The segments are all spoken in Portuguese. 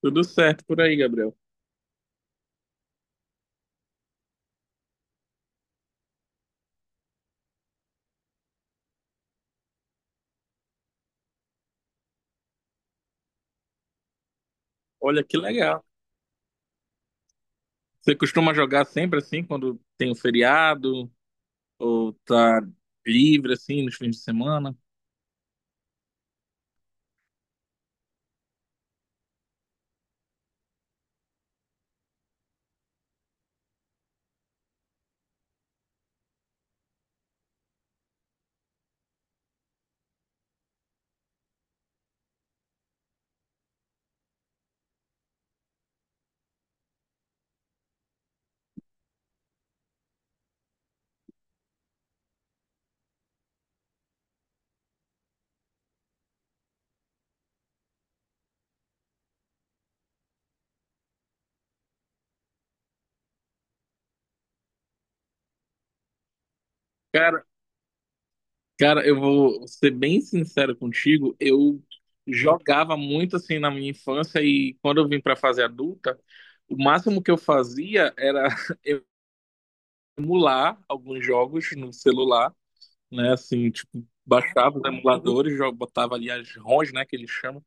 Tudo certo por aí, Gabriel. Olha que legal. Você costuma jogar sempre assim, quando tem um feriado ou tá livre assim nos fins de semana? Cara, cara, eu vou ser bem sincero contigo, eu jogava muito assim na minha infância e quando eu vim pra fase adulta, o máximo que eu fazia era emular alguns jogos no celular, né? Assim, tipo, baixava os emuladores, botava ali as ROMs, né, que eles chamam,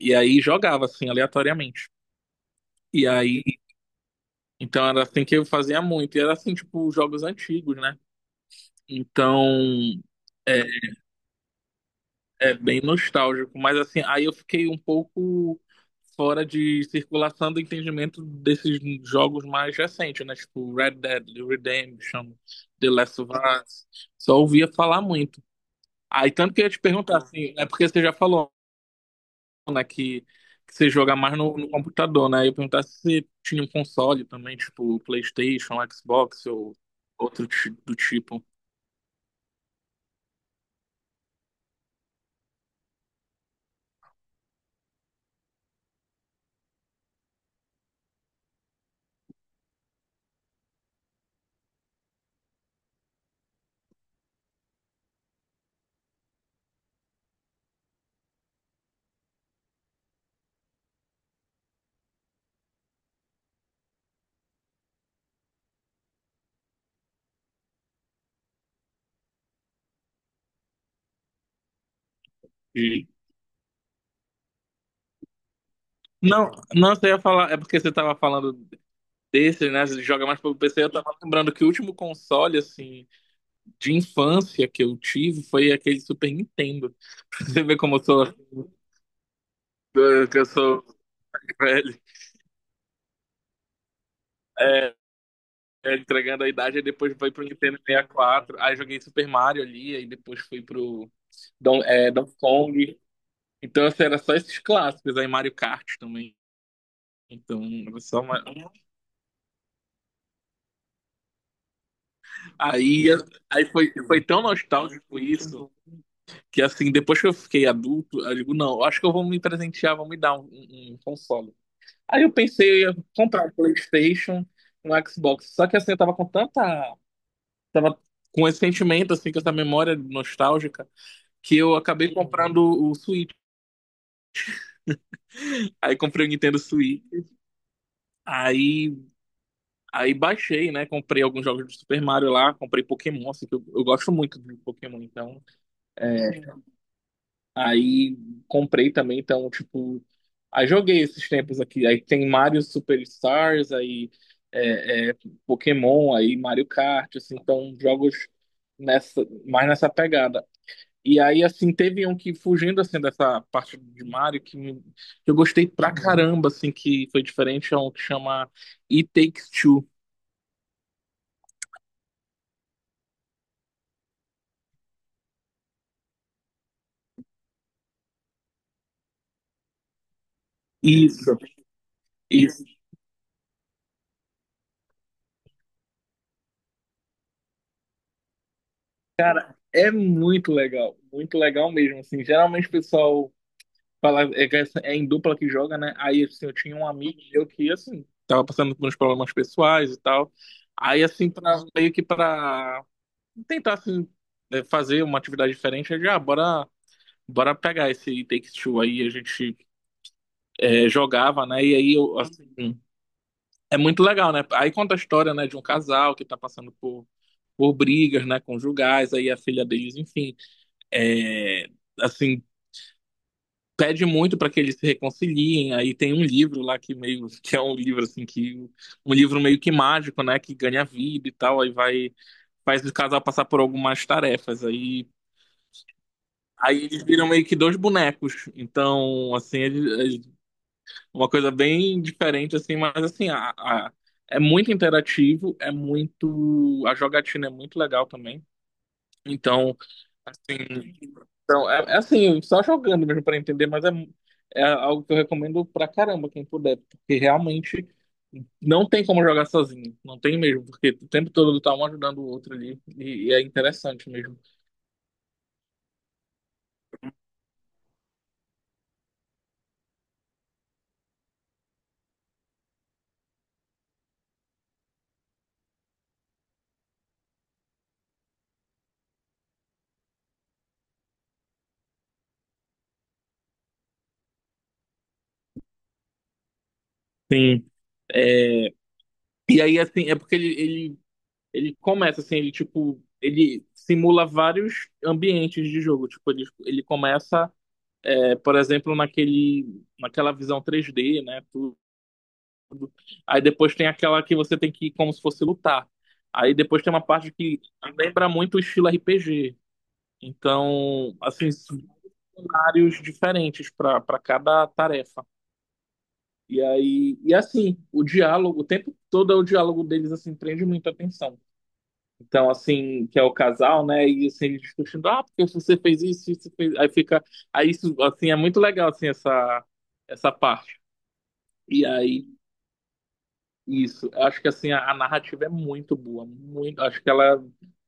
e aí jogava assim aleatoriamente. E aí, então era assim que eu fazia muito. E era assim, tipo, jogos antigos, né? Então, é, é bem nostálgico. Mas assim, aí eu fiquei um pouco fora de circulação do entendimento desses jogos mais recentes, né? Tipo, Red Dead Redemption, The Last of Us. Só ouvia falar muito. Aí, tanto que eu ia te perguntar, assim, é porque você já falou, né? Que você joga mais no computador, né? Eu perguntar se você tinha um console também, tipo PlayStation, Xbox ou outro do tipo. de- Não, não, você ia falar, é porque você tava falando desse, né? Você joga mais pelo PC. Eu tava lembrando que o último console, assim, de infância que eu tive foi aquele Super Nintendo. Você vê como eu sou, que eu sou velho. É, é, entregando a idade, aí depois foi pro Nintendo 64, aí joguei Super Mario ali, aí depois fui pro Donkey Kong. Então, assim, era só esses clássicos. Aí Mario Kart também. Então, era só uma... Aí, aí, foi tão nostálgico isso que, assim, depois que eu fiquei adulto, eu digo, não, eu acho que eu vou me presentear, vou me dar um console. Aí eu pensei em comprar um PlayStation, um Xbox. Só que, assim, eu tava com tanta... Tava com esse sentimento, assim, com essa memória nostálgica, que eu acabei comprando o Switch. Aí comprei o Nintendo Switch. Aí Aí, baixei, né? Comprei alguns jogos do Super Mario lá, comprei Pokémon, assim, que eu gosto muito de Pokémon, então. É, aí comprei também, então, tipo. Aí joguei esses tempos aqui. Aí tem Mario Superstars, aí é, é, Pokémon, aí Mario Kart, assim, então jogos nessa, mais nessa pegada. E aí, assim, teve um que, fugindo, assim, dessa parte de Mario, que, que eu gostei pra caramba, assim, que foi diferente, é um que chama It Takes Two. Isso. Isso. Cara, é muito legal mesmo, assim, geralmente o pessoal fala, é, que é em dupla que joga, né, aí, assim, eu tinha um amigo meu que, assim, tava passando por uns problemas pessoais e tal, aí, assim, pra, meio que pra tentar, assim, é, fazer uma atividade diferente, eu já, ah, bora, bora pegar esse Take-Two aí, a gente é, jogava, né, e aí, eu, assim, é muito legal, né, aí conta a história, né, de um casal que tá passando por brigas, né, conjugais, aí a filha deles, enfim, é, assim, pede muito para que eles se reconciliem. Aí tem um livro lá que meio que é um livro assim que um livro meio que mágico, né, que ganha vida e tal, aí vai faz o casal passar por algumas tarefas. Aí eles viram meio que dois bonecos. Então, assim, uma coisa bem diferente assim, mas assim, é muito interativo, é muito a jogatina é muito legal também. Então, assim, então, é assim, só jogando mesmo para entender, mas é algo que eu recomendo pra caramba, quem puder, porque realmente não tem como jogar sozinho, não tem mesmo, porque o tempo todo tá um ajudando o outro ali, e é interessante mesmo. Sim. É, e aí, assim, é porque ele começa, assim, ele, tipo, ele simula vários ambientes de jogo, tipo, ele começa, é, por exemplo, naquele, naquela visão 3D, né. Aí depois tem aquela que você tem que ir como se fosse lutar. Aí depois tem uma parte que lembra muito o estilo RPG. Então, assim, são cenários diferentes para cada tarefa. E aí, e assim, o diálogo, o tempo todo é o diálogo deles assim prende muita atenção. Então, assim, que é o casal, né? E assim, eles discutindo, ah, porque você fez isso, isso fez. Aí fica, aí isso, assim, é muito legal assim essa parte. E aí. Isso, eu acho que assim a narrativa é muito boa, muito, acho que ela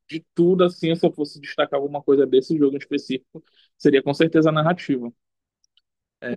de tudo assim, se eu fosse destacar alguma coisa desse jogo em específico, seria com certeza a narrativa. É,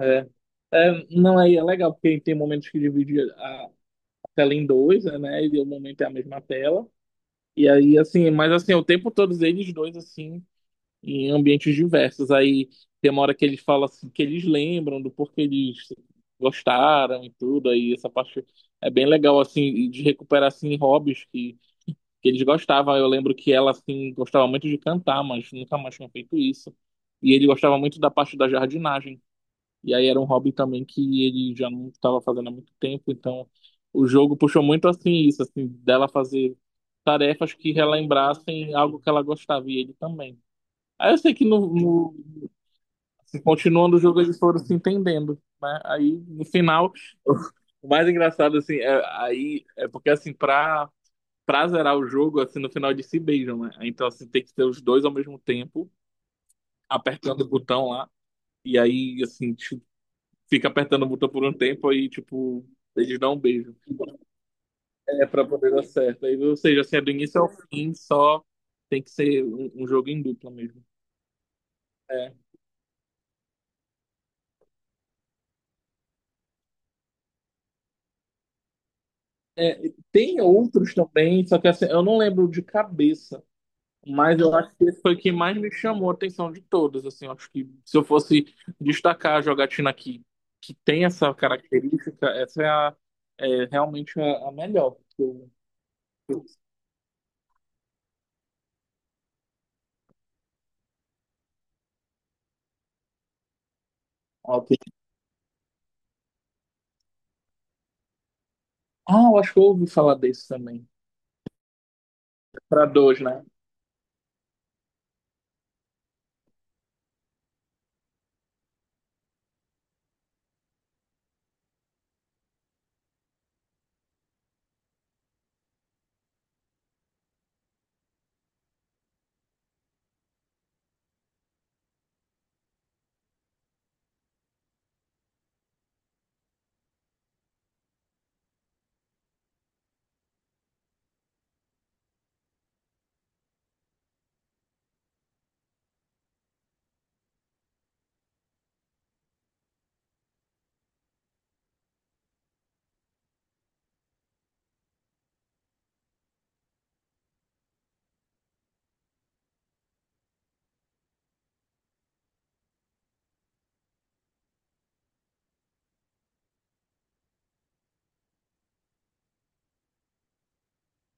é, é, não, aí é legal porque tem momentos que divide a tela em dois, né? E o momento é a mesma tela. E aí assim, mas assim, o tempo todos eles dois assim em ambientes diversos. Aí tem uma hora que eles falam assim, que eles lembram do porquê eles gostaram e tudo. Aí essa parte é bem legal, assim, de recuperar, assim, hobbies que eles gostavam. Eu lembro que ela, assim, gostava muito de cantar, mas nunca mais tinha feito isso. E ele gostava muito da parte da jardinagem. E aí era um hobby também que ele já não estava fazendo há muito tempo. Então o jogo puxou muito, assim, isso, assim, dela fazer tarefas que relembrassem algo que ela gostava e ele também. Aí eu sei que assim, continuando o jogo eles foram se entendendo, né? Aí no final, o mais engraçado assim, é, aí é porque assim pra para zerar o jogo assim no final eles se beijam, né? Então assim tem que ter os dois ao mesmo tempo apertando o botão lá e aí assim tipo, fica apertando o botão por um tempo aí tipo eles dão um beijo. É pra poder dar certo. Aí, ou seja, assim, é do início ao fim, só tem que ser um jogo em dupla mesmo. É, É, tem outros também, só que assim, eu não lembro de cabeça, mas eu acho que esse foi o que mais me chamou a atenção de todos. Assim, eu acho que se eu fosse destacar a jogatina que tem essa característica, essa é, é realmente a melhor. Que eu- ó, que- Ah, eu acho que eu ouvi falar desse também. Pra dois, né?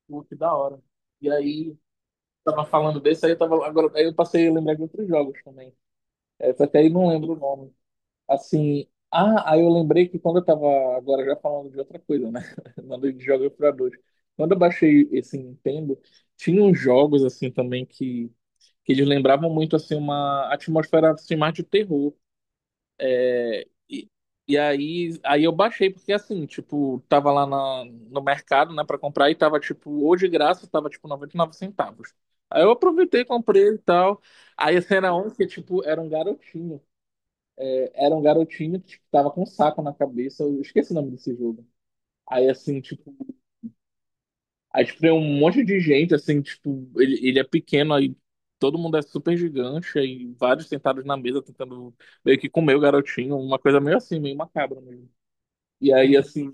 Pô, que da hora. E aí, tava falando desse, aí eu tava. Agora, aí eu passei a lembrar de outros jogos também. Essa até aí não lembro o nome. Assim, ah, aí eu lembrei que quando eu tava agora já falando de outra coisa, né? Falando de jogos para dois. Quando eu baixei esse Nintendo, tinha uns jogos assim também que eles lembravam muito assim uma atmosfera assim, mais de terror. E, e aí eu baixei porque assim, tipo, tava lá na, no mercado, né, para comprar e tava tipo, ou de graça, tava tipo 99 centavos. Aí eu aproveitei, comprei e tal. Aí esse era um que tipo, era um garotinho que tipo, tava com um saco na cabeça, eu esqueci o nome desse jogo. Aí, assim, tipo, aí tipo, tem um monte de gente, assim, tipo, ele é pequeno, aí todo mundo é super gigante, aí vários sentados na mesa tentando meio que comer o garotinho, uma coisa meio assim, meio macabra mesmo. E aí, assim,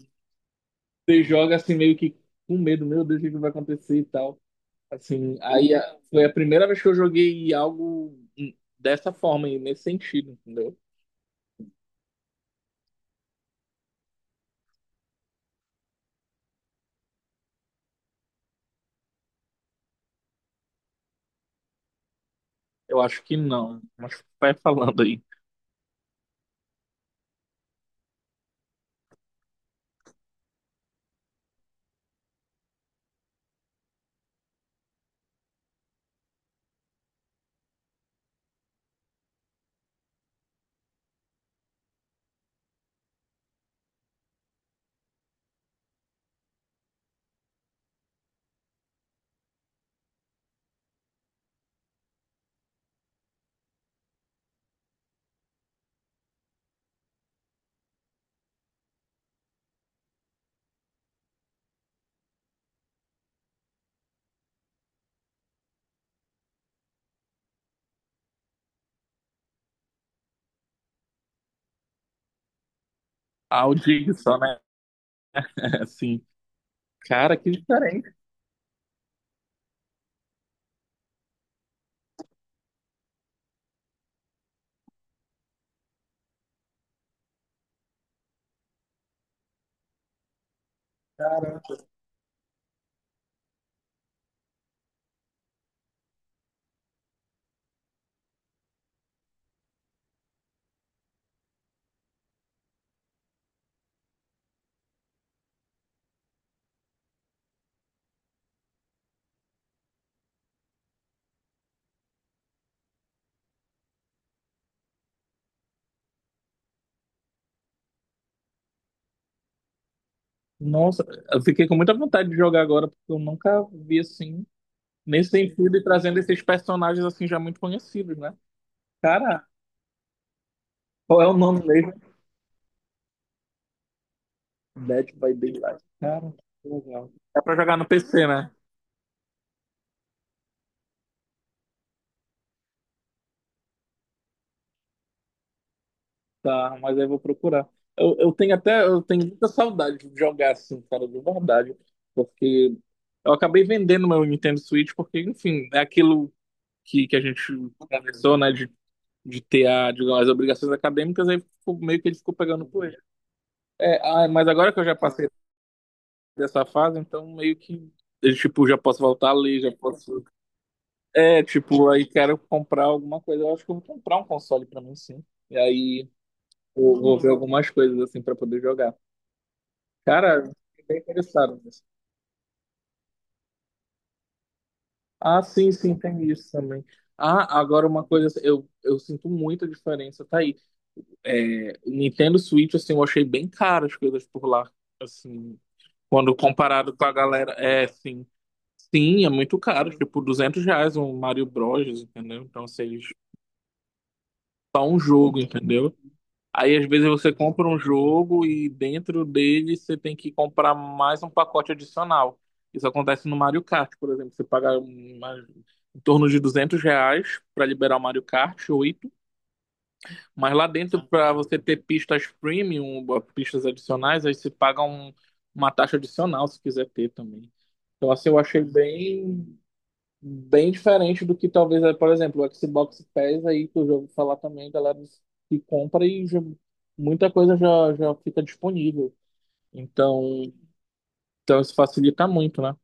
você joga assim meio que com medo, meu Deus, o que que vai acontecer e tal. Assim, foi a primeira vez que eu joguei algo dessa forma, e nesse sentido, entendeu? Eu acho que não, mas vai falando aí. Ah, Audi só, né? Assim, cara, que diferente, cara. Nossa, eu fiquei com muita vontade de jogar agora, porque eu nunca vi assim, nesse sentido, e trazendo esses personagens assim já muito conhecidos, né? Cara, qual é o nome mesmo? Dead by Daylight. Cara, que legal. Dá pra jogar no PC, né? Tá, mas aí eu vou procurar. Eu tenho até, eu tenho muita saudade de jogar assim, cara, de verdade, porque eu acabei vendendo meu Nintendo Switch, porque, enfim, é aquilo que a gente conversou, né, de ter a, digamos, as obrigações acadêmicas, aí meio que ele ficou pegando poeira. É, ah, mas agora que eu já passei dessa fase, então meio que, eu, tipo, já posso voltar a ler, já posso... É, tipo, aí quero comprar alguma coisa. Eu acho que eu vou comprar um console pra mim, sim. E aí eu vou ver algumas coisas, assim, pra poder jogar. Cara, fiquei bem interessado nisso. Ah, sim, sim, tem isso também. Ah, agora uma coisa, assim, eu sinto muita diferença, tá aí. É, Nintendo Switch, assim, eu achei bem caro as coisas por lá. Assim, quando comparado com a galera, é sim. Sim, é muito caro, tipo R$ 200 um Mario Bros, entendeu? Então, vocês só um jogo, entendeu? Aí, às vezes, você compra um jogo e dentro dele você tem que comprar mais um pacote adicional. Isso acontece no Mario Kart, por exemplo. Você paga em torno de R$ 200 para liberar o Mario Kart 8. Mas lá dentro, para você ter pistas premium, pistas adicionais, aí você paga uma taxa adicional se quiser ter também. Então, assim, eu achei bem, bem diferente do que talvez, eh, por exemplo, o Xbox Pass aí, que eu já ouvi falar também, galera que compra e muita coisa já fica disponível. Então, isso facilita muito, né?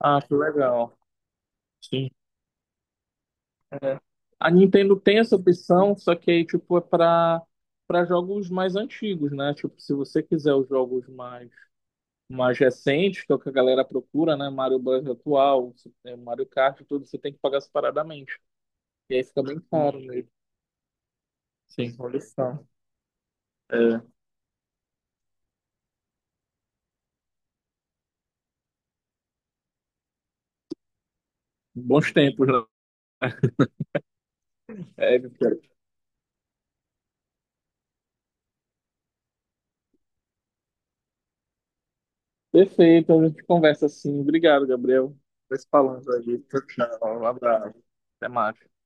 Ah, que legal. Sim. É. A Nintendo tem essa opção, só que aí, tipo, é para jogos mais antigos, né? Tipo, se você quiser os jogos mais recentes, que é o que a galera procura, né? Mario Bros atual, é, Mario Kart, e tudo, você tem que pagar separadamente. E aí fica bem caro mesmo. Sim, olha só. É, bons tempos, né? É, perfeito, a gente conversa assim. Obrigado, Gabriel. Vai se falando aí. Tchau, tchau. Um abraço. Até mais.